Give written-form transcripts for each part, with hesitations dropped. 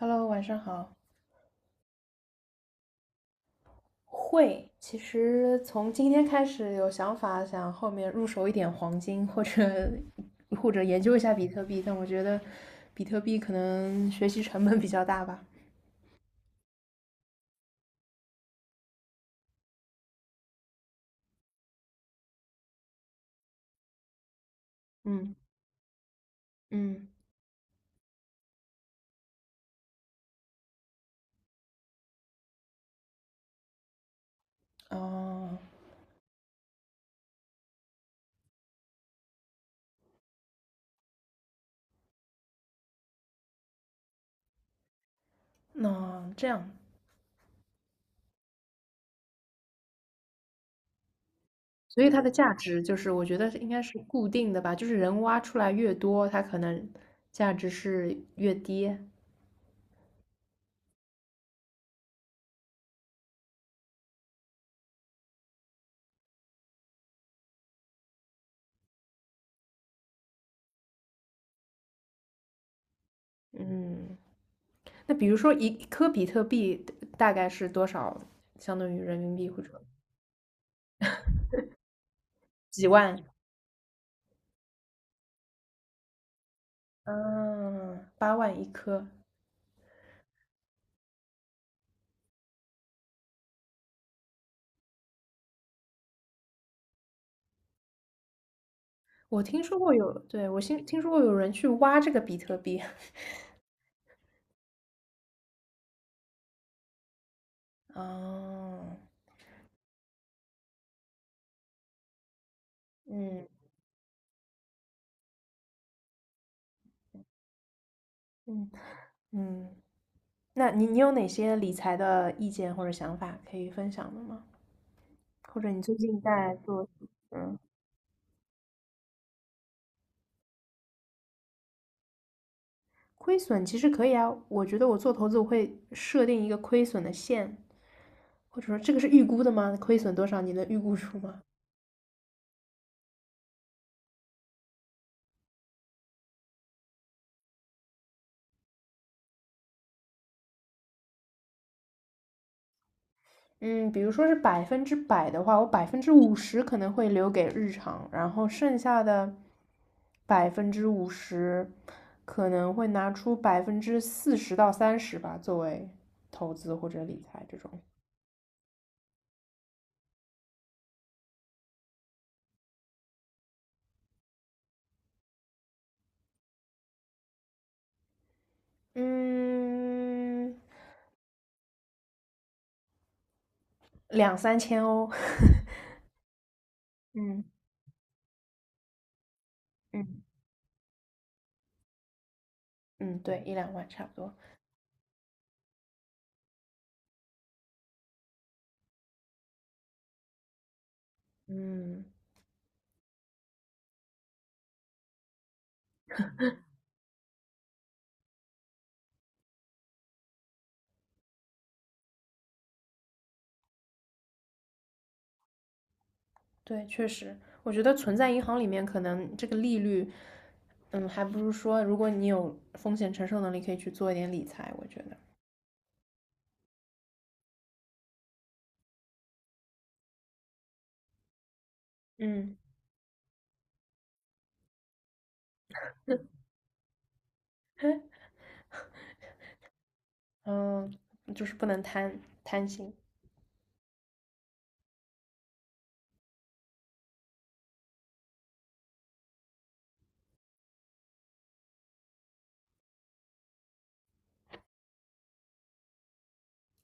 Hello，晚上好。会，其实从今天开始有想法，想后面入手一点黄金，或者研究一下比特币，但我觉得比特币可能学习成本比较大吧。嗯嗯，哦，那这样，所以它的价值就是，我觉得是应该是固定的吧，就是人挖出来越多，它可能价值是越低。嗯，那比如说一颗比特币大概是多少，相当于人民币或者？几万？嗯，八万一颗。我听说过有，对，我听说过有人去挖这个比特币。哦，嗯嗯嗯，那你有哪些理财的意见或者想法可以分享的吗？或者你最近在做什么亏损其实可以啊，我觉得我做投资我会设定一个亏损的线，或者说这个是预估的吗？亏损多少？你能预估出吗？嗯，比如说是百分之百的话，我百分之五十可能会留给日常，然后剩下的百分之五十可能会拿出百分之四十到三十吧，作为投资或者理财这种。嗯，两三千哦。嗯嗯嗯，对，一两万差不多。嗯，对，确实，我觉得存在银行里面可能这个利率，嗯，还不如说如果你有风险承受能力，可以去做一点理财，我觉得。嗯，嗯，就是不能贪心。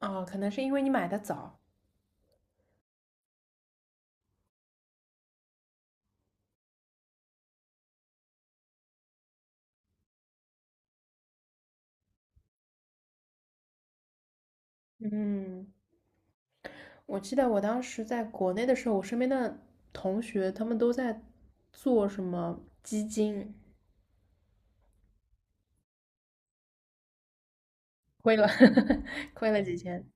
啊，可能是因为你买的早。嗯，我记得我当时在国内的时候，我身边的同学他们都在做什么基金，亏了 亏了几千。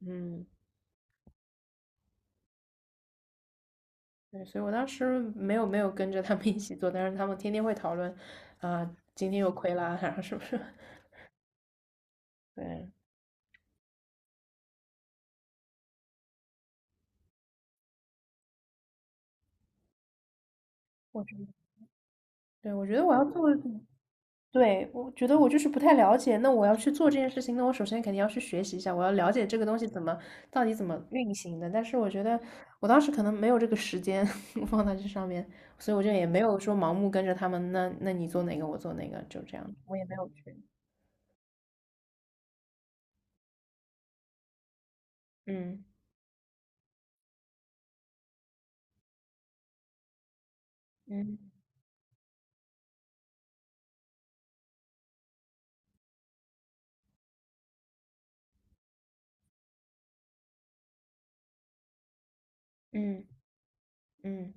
嗯，对，所以我当时没有跟着他们一起做，但是他们天天会讨论，啊、今天又亏了啊，然后是不是？对，我觉得，对，我觉得我要做，对，我觉得我就是不太了解。那我要去做这件事情，那我首先肯定要去学习一下，我要了解这个东西到底怎么运行的。但是我觉得我当时可能没有这个时间 放在这上面，所以我就也没有说盲目跟着他们。那你做哪个，我做哪个，就这样，我也没有去。嗯嗯嗯嗯。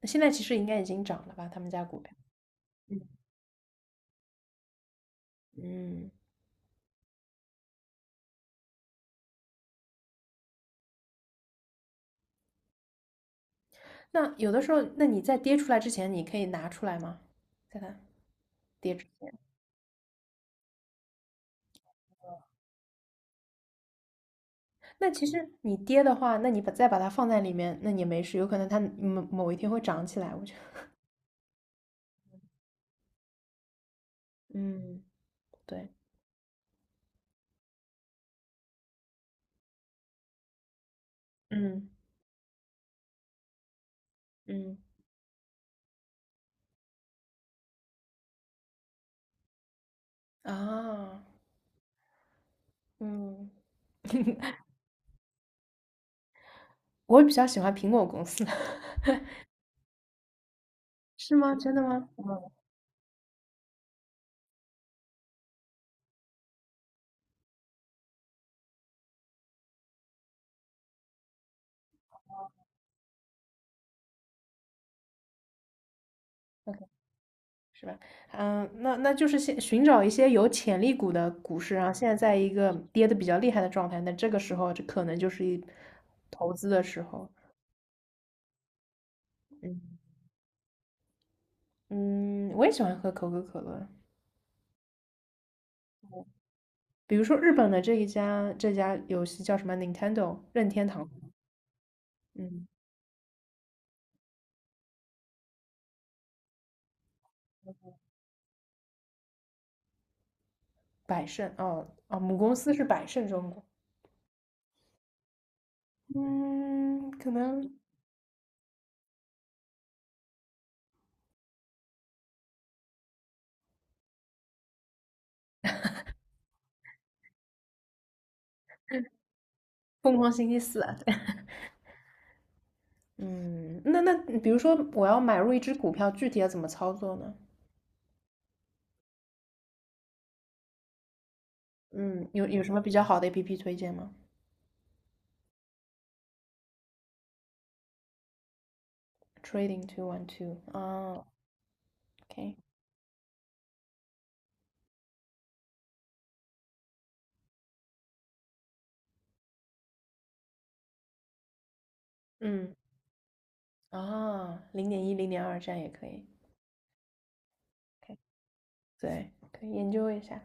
那现在其实应该已经涨了吧？他们家股票。嗯嗯。那有的时候，那你在跌出来之前，你可以拿出来吗？在它跌之前。那其实你跌的话，那你再把它放在里面，那你没事，有可能它某一天会涨起来。我觉得，嗯，对，嗯嗯，啊，嗯，我比较喜欢苹果公司，是吗？真的吗？嗯，OK，是吧？嗯，那就是先寻找一些有潜力股的股市，然后现在在一个跌的比较厉害的状态，那这个时候就可能就是投资的时候。嗯，嗯，我也喜欢喝可口可乐，比如说日本的这家游戏叫什么？Nintendo 任天堂，嗯，百胜哦哦，母公司是百胜中国，嗯，可能 疯狂星期四啊，对，嗯，那比如说我要买入一只股票，具体要怎么操作呢？嗯，有什么比较好的 APP 推荐吗？Trading two one two 啊，OK，嗯啊，零点一零点二这样也可以，OK，对，可以研究一下。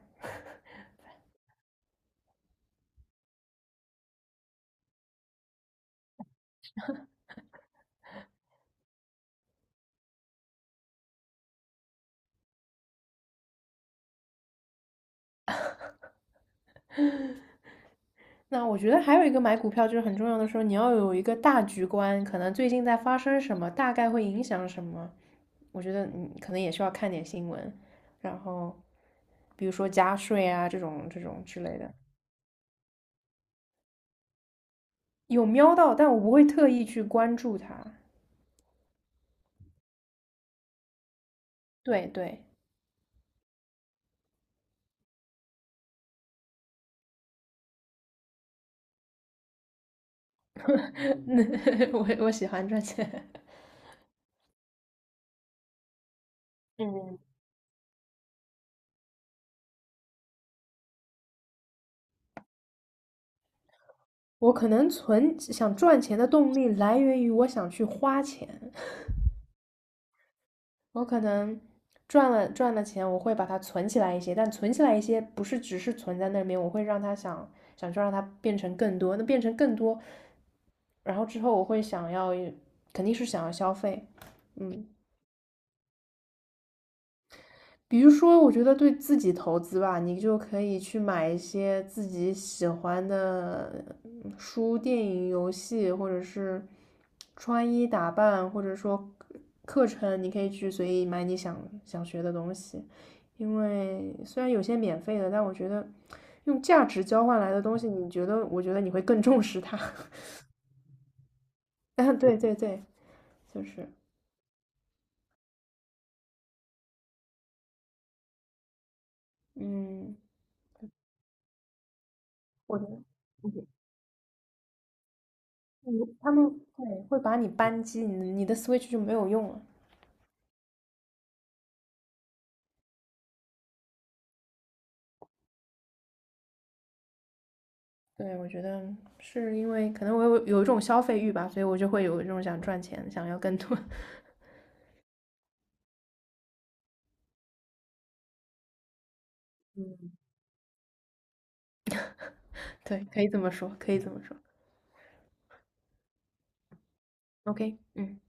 那我觉得还有一个买股票就是很重要的时候，你要有一个大局观，可能最近在发生什么，大概会影响什么。我觉得你可能也需要看点新闻，然后比如说加税啊这种之类的，有瞄到，但我不会特意去关注它。对对，那我喜欢赚钱。嗯，我可能存想赚钱的动力来源于我想去花钱。我可能赚了钱，我会把它存起来一些，但存起来一些不是只是存在那边，我会让它想去让它变成更多，那变成更多，然后之后我会想要，肯定是想要消费，嗯，比如说，我觉得对自己投资吧，你就可以去买一些自己喜欢的书、电影、游戏，或者是穿衣打扮，或者说课程，你可以去随意买你想学的东西。因为虽然有些免费的，但我觉得用价值交换来的东西，你觉得，我觉得你会更重视它。啊，对对对，就是，嗯，我觉得。嗯，他们对会把你扳机，你的 Switch 就没有用了。对，我觉得是因为可能我有一种消费欲吧，所以我就会有一种想赚钱，想要更多。嗯。对，可以这么说，可以这么说。OK，嗯。